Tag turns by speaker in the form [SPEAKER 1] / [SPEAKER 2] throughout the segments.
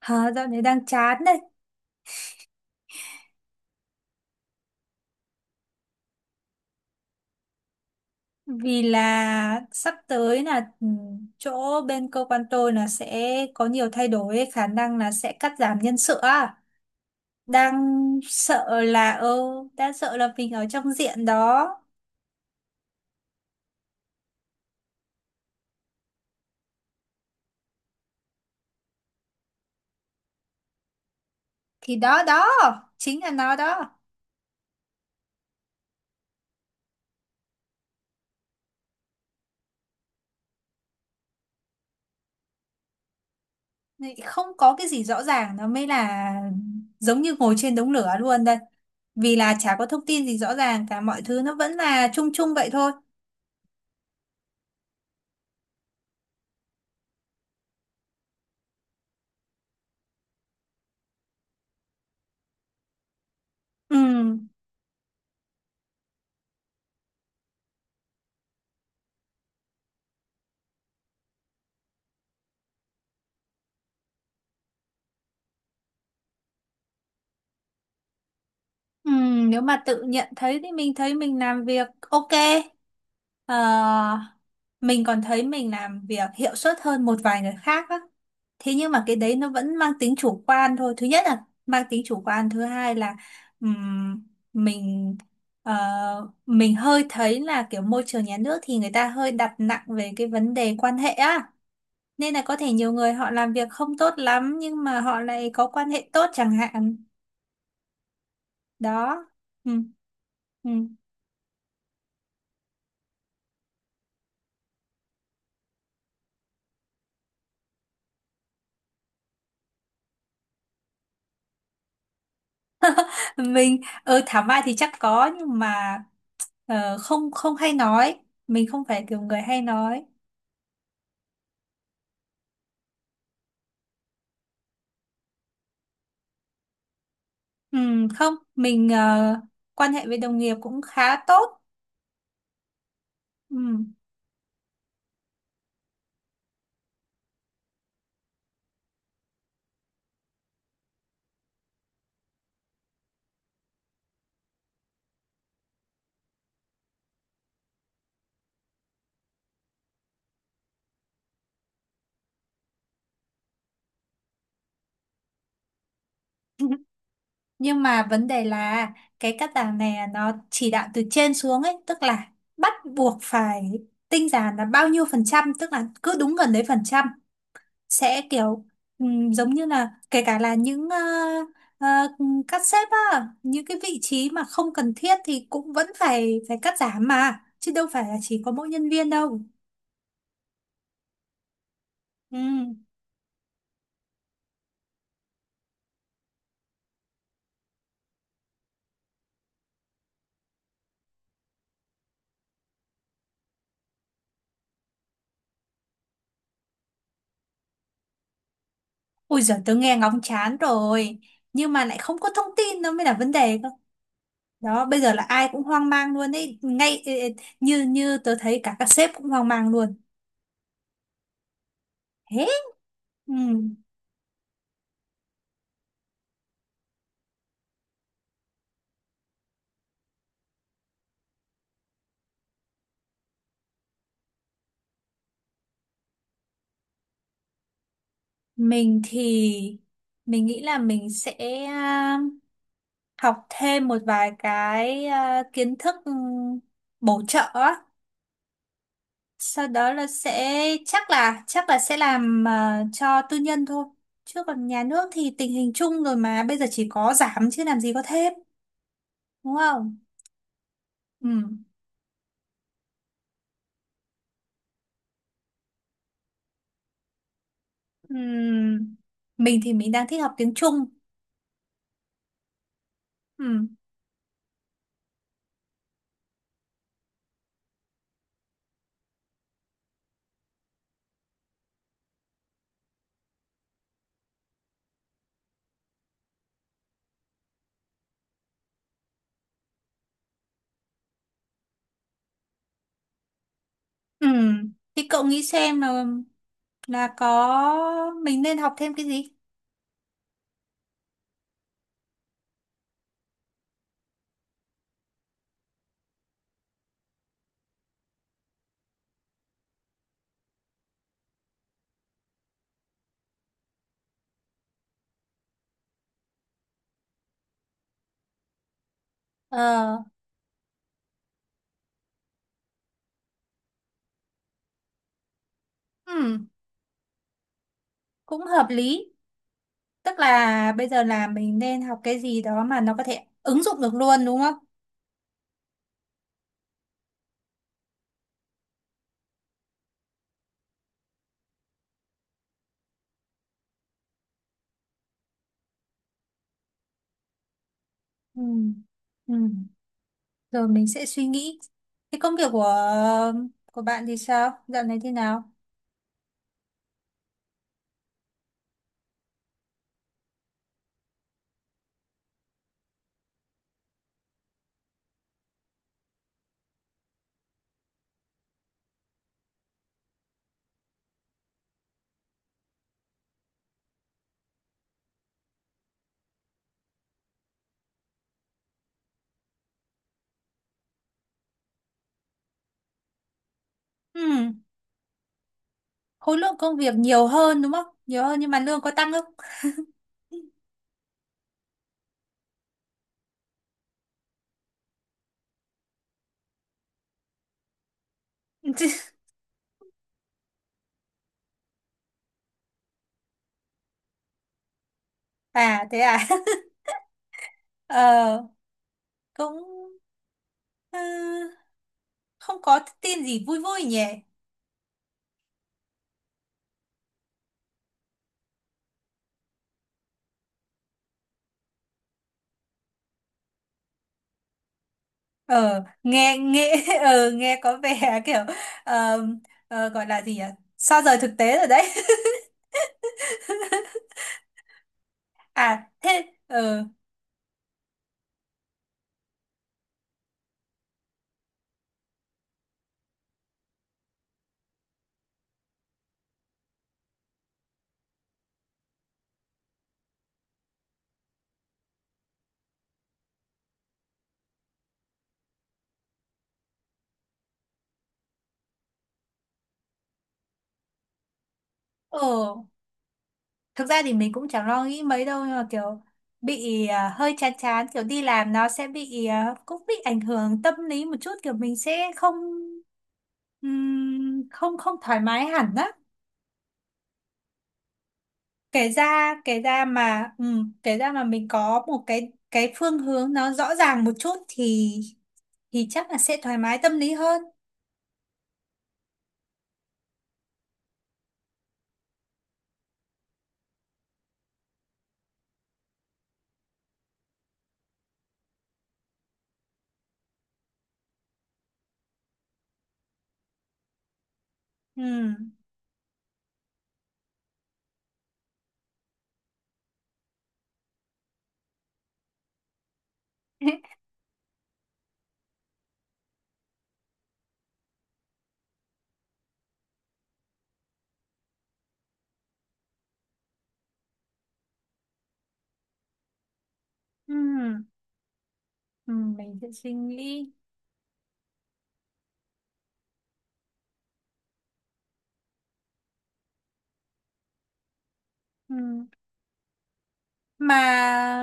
[SPEAKER 1] Hả, dạo này đang chán đấy vì là sắp tới là chỗ bên cơ quan tôi là sẽ có nhiều thay đổi ấy, khả năng là sẽ cắt giảm nhân sự á. đang sợ là ừ, Đang sợ là mình ở trong diện đó. Thì đó đó chính là nó đó. Này, không có cái gì rõ ràng nó mới là giống như ngồi trên đống lửa luôn đây, vì là chả có thông tin gì rõ ràng cả, mọi thứ nó vẫn là chung chung vậy thôi. Ừ. Ừ, nếu mà tự nhận thấy thì mình thấy mình làm việc ok. Ờ, mình còn thấy mình làm việc hiệu suất hơn một vài người khác á. Thế nhưng mà cái đấy nó vẫn mang tính chủ quan thôi. Thứ nhất là mang tính chủ quan, thứ hai là ừm, mình ờ, mình hơi thấy là kiểu môi trường nhà nước thì người ta hơi đặt nặng về cái vấn đề quan hệ á. Nên là có thể nhiều người họ làm việc không tốt lắm nhưng mà họ lại có quan hệ tốt chẳng hạn. Đó. Ừ. Ừ. Mình thảo mai thì chắc có, nhưng mà không, không hay nói, mình không phải kiểu người hay nói. Ừ, không, mình quan hệ với đồng nghiệp cũng khá tốt. Ừ. Nhưng mà vấn đề là cái cắt giảm này nó chỉ đạo từ trên xuống ấy, tức là bắt buộc phải tinh giản là bao nhiêu phần trăm, tức là cứ đúng gần đấy phần trăm sẽ kiểu giống như là kể cả là những ờ, cắt xếp á, những cái vị trí mà không cần thiết thì cũng vẫn phải phải cắt giảm mà, chứ đâu phải là chỉ có mỗi nhân viên đâu. Ừ. Ui giời, tớ nghe ngóng chán rồi nhưng mà lại không có thông tin, nó mới là vấn đề cơ. Đó, bây giờ là ai cũng hoang mang luôn ấy, ngay ê, ê, như như tớ thấy cả các sếp cũng hoang mang luôn. Thế. Ừ. Mình thì mình nghĩ là mình sẽ học thêm một vài cái kiến thức bổ trợ á. Sau đó là sẽ chắc là sẽ làm cho tư nhân thôi, chứ còn nhà nước thì tình hình chung rồi mà, bây giờ chỉ có giảm chứ làm gì có thêm, đúng không? Ừ. Ừ. Mình thì mình đang thích học tiếng Trung. Ừ. Ừ. Thì cậu nghĩ xem là có mình nên học thêm cái gì. Ờ. Ừ. Cũng hợp lý. Tức là bây giờ là mình nên học cái gì đó mà nó có thể ứng dụng được luôn đúng không? Ừ. Ừ. Rồi mình sẽ suy nghĩ. Cái công việc của bạn thì sao? Dạo này thế nào? Ừ. Khối lượng công việc nhiều hơn đúng không? Nhiều hơn nhưng mà lương có tăng không? À thế à? Ờ, cũng ờ, không có tin gì vui vui nhỉ? Ờ, nghe nghe nghe có vẻ kiểu ờ, gọi là gì nhỉ? Sao rời thực tế rồi đấy. À thế. Ờ ờ Thực ra thì mình cũng chẳng lo nghĩ mấy đâu, nhưng mà kiểu bị hơi chán chán kiểu đi làm, nó sẽ bị cũng bị ảnh hưởng tâm lý một chút, kiểu mình sẽ không không không thoải mái hẳn á. Kể ra mà mình có một cái phương hướng nó rõ ràng một chút thì chắc là sẽ thoải mái tâm lý hơn. Ừm. Ừm, mình sẽ suy nghĩ. mà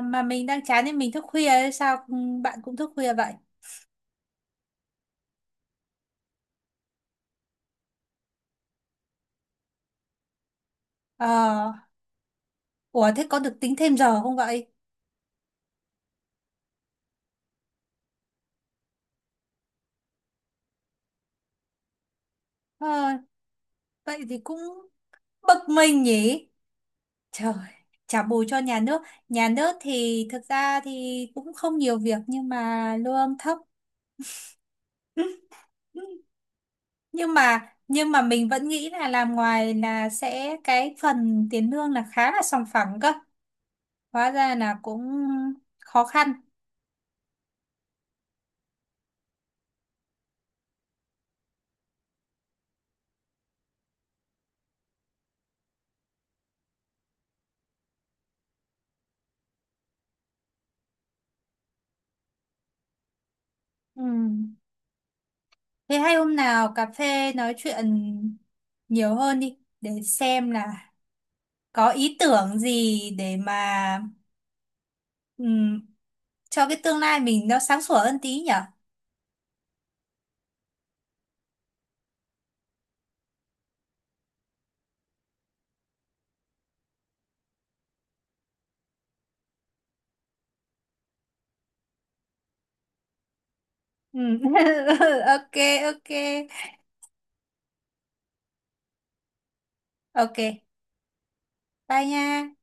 [SPEAKER 1] mà mình đang chán nên mình thức khuya ấy, sao bạn cũng thức khuya vậy? Ờ. Ủa thế có được tính thêm giờ không vậy? ờ, Vậy thì cũng bực mình nhỉ. Trời. Trả bù cho nhà nước. Nhà nước thì thực ra thì cũng không nhiều việc nhưng mà lương thấp. Nhưng mà mình vẫn nghĩ là làm ngoài là sẽ cái phần tiền lương là khá là sòng phẳng cơ, hóa ra là cũng khó khăn. Ừ. Thế hay hôm nào cà phê nói chuyện nhiều hơn đi để xem là có ý tưởng gì để mà ừm, cho cái tương lai mình nó sáng sủa hơn tí nhở? Ừm. Ok. Ok. Ok. Bye nha.